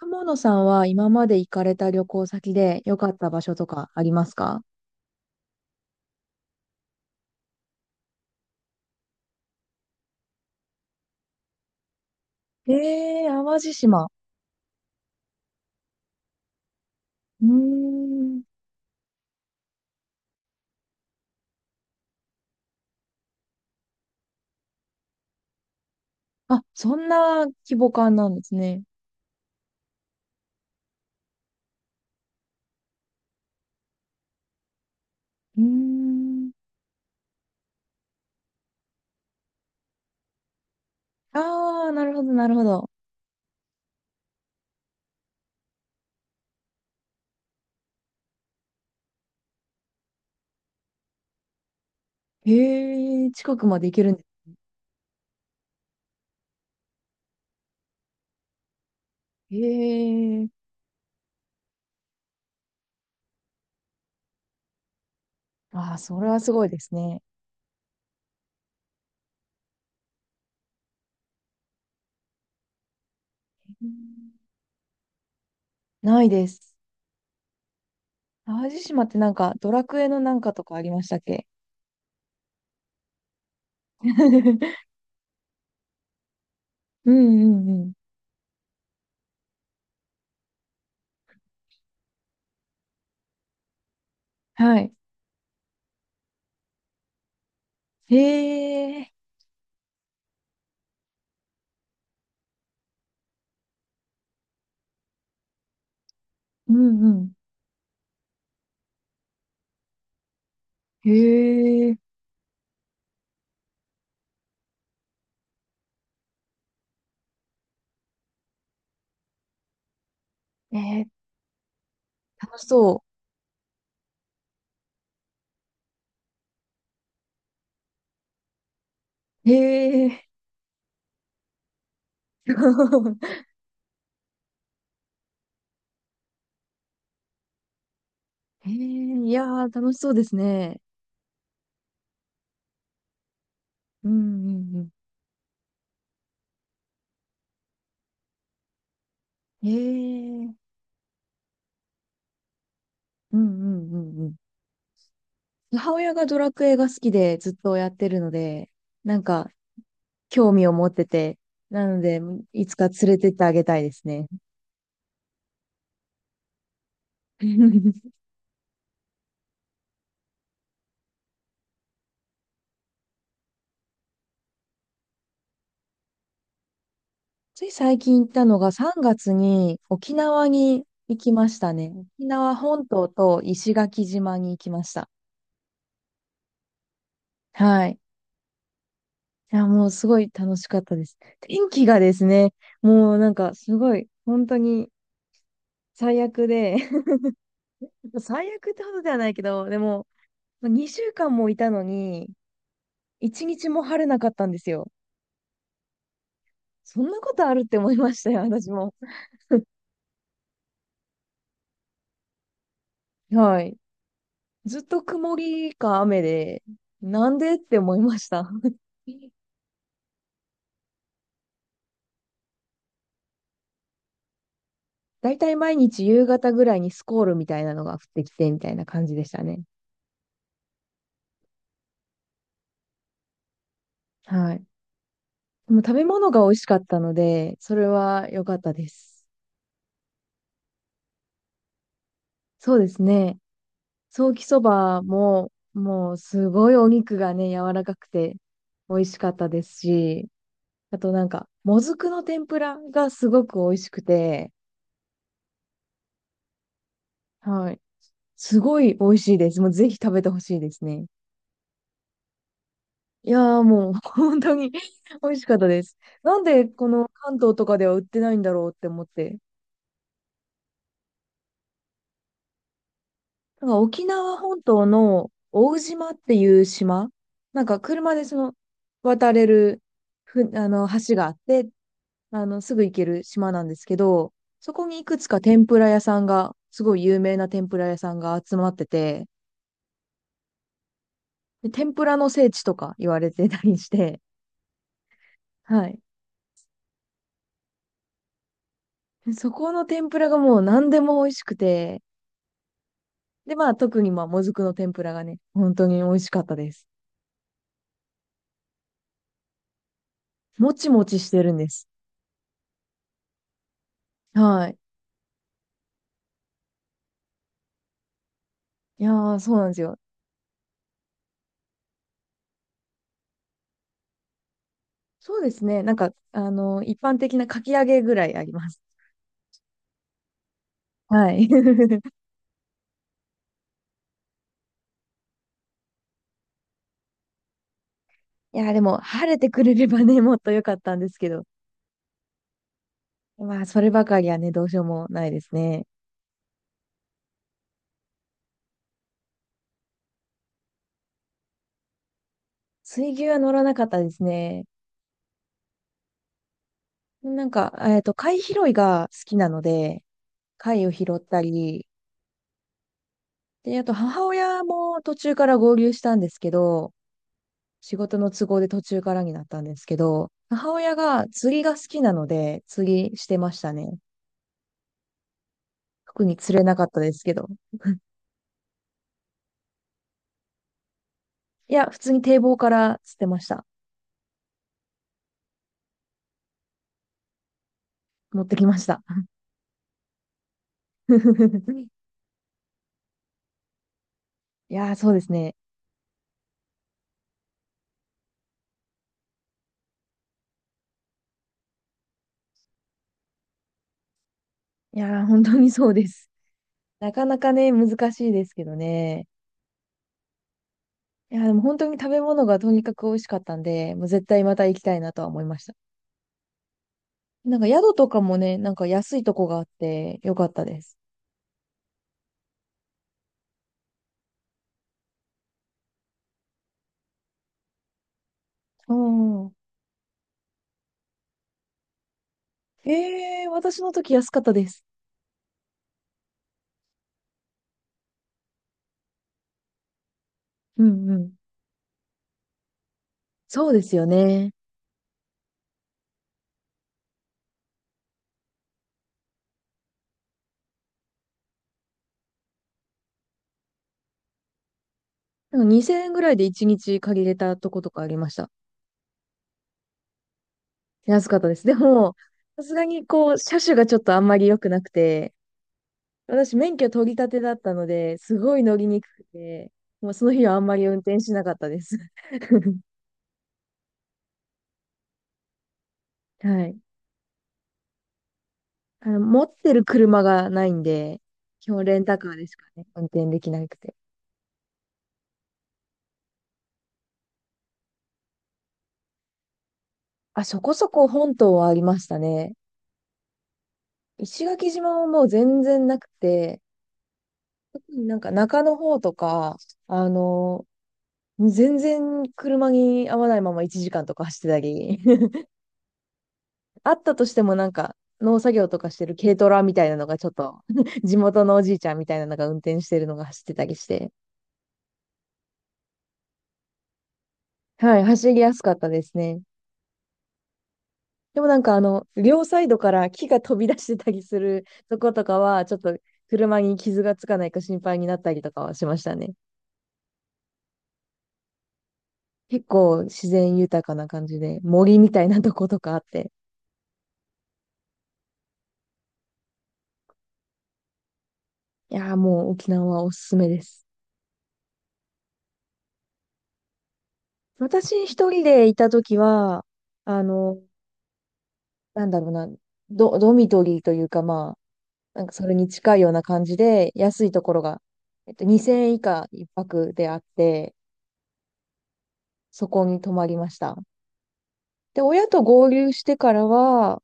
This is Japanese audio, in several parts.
友野さんは今まで行かれた旅行先で良かった場所とかありますか？淡路島。うーん。あ、そんな規模感なんですね。うーん。ああ、なるほど、なるほど。へえ、近くまで行けるんですね。へえ。ああ、それはすごいですね。うん。ないです。淡路島ってなんか、ドラクエのなんかとかありましたっけ？ うんうんうん。はい。へえ。うんうん。へえ。え、楽しそう。へえ。へえ、いやー、楽しそうですね。うんうんうん。へえ。うんうんうんうん。母親がドラクエが好きでずっとやってるので、なんか興味を持ってて、なので、いつか連れてってあげたいですね。つい最近行ったのが3月に沖縄に行きましたね。沖縄本島と石垣島に行きました。はい。いや、もうすごい楽しかったです。天気がですね、もうなんかすごい、本当に最悪で、最悪ってほどではないけど、でも、2週間もいたのに、1日も晴れなかったんですよ。そんなことあるって思いましたよ、私も。はい。ずっと曇りか雨で、なんでって思いました。だいたい毎日夕方ぐらいにスコールみたいなのが降ってきて、みたいな感じでしたね。はい。でも食べ物が美味しかったので、それは良かったです。そうですね。ソーキそばも、もうすごいお肉がね、柔らかくて美味しかったですし、あとなんか、もずくの天ぷらがすごく美味しくて、はい。すごい美味しいです。もうぜひ食べてほしいですね。いやーもう 本当に美味しかったです。なんでこの関東とかでは売ってないんだろうって思って、なんか沖縄本島の大島っていう島、なんか車でその渡れるあの橋があって、あのすぐ行ける島なんですけど、そこにいくつか天ぷら屋さんが、すごい有名な天ぷら屋さんが集まってて、で天ぷらの聖地とか言われてたりして、はい。でそこの天ぷらがもう何でも美味しくて、で、まあ特にまあもずくの天ぷらがね、本当に美味しかったです。もちもちしてるんです。はい。いやー、そうなんですよ。そうですね。なんか、一般的なかき揚げぐらいあります。はい。いや、でも、晴れてくれればね、もっと良かったんですけど。まあ、そればかりはね、どうしようもないですね。水牛は乗らなかったですね。なんか、貝拾いが好きなので、貝を拾ったり、で、あと、母親も途中から合流したんですけど、仕事の都合で途中からになったんですけど、母親が釣りが好きなので、釣りしてましたね。特に釣れなかったですけど。いや、普通に堤防から捨てました。持ってきました。いやー、そうですね。いやー、本当にそうです。なかなかね、難しいですけどね。いやー、でも本当に食べ物がとにかく美味しかったんで、もう絶対また行きたいなとは思いました。なんか宿とかもね、なんか安いとこがあってよかったです。うん。私の時安かったです。うんうん。そうですよね。なんか2000円ぐらいで1日借りれたとことかありました。安かったです。でも、さすがにこう、車種がちょっとあんまり良くなくて、私免許取り立てだったので、すごい乗りにくくて、もうその日はあんまり運転しなかったです。はい。持ってる車がないんで、基本レンタカーでしかね、運転できなくて。あ、そこそこ本島はありましたね。石垣島はもう全然なくて、特になんか中の方とか、あの、全然車に合わないまま1時間とか走ってたり。あったとしてもなんか、農作業とかしてる軽トラみたいなのがちょっと 地元のおじいちゃんみたいなのが運転してるのが走ってたりして、はい、走りやすかったですね。でもなんか両サイドから木が飛び出してたりするとことかは、ちょっと車に傷がつかないか心配になったりとかはしましたね。結構自然豊かな感じで、森みたいなとことかあって。いやーもう沖縄はおすすめです。私一人でいたときは、あの、なんだろうな、ドミトリーというかなんかそれに近いような感じで、安いところが、2000円以下一泊であって、そこに泊まりました。で、親と合流してからは、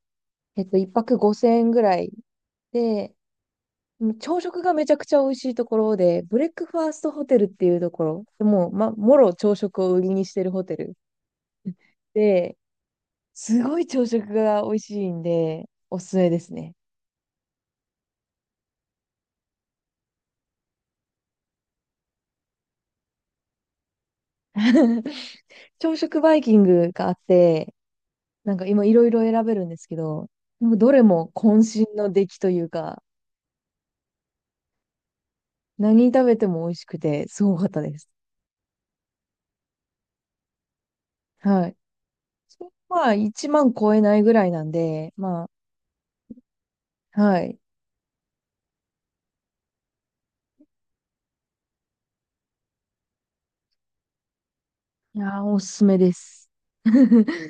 一泊5000円ぐらいで、もう朝食がめちゃくちゃ美味しいところで、ブレックファーストホテルっていうところ、もう、もろ朝食を売りにしてるホテルで、すごい朝食が美味しいんで、おすすめですね。朝食バイキングがあって、なんか今いろいろ選べるんですけど、なんかどれも渾身の出来というか、何食べても美味しくて、すごかったです。はい。それまあ、1万超えないぐらいなんで、まあ、はい。いやー、おすすめです。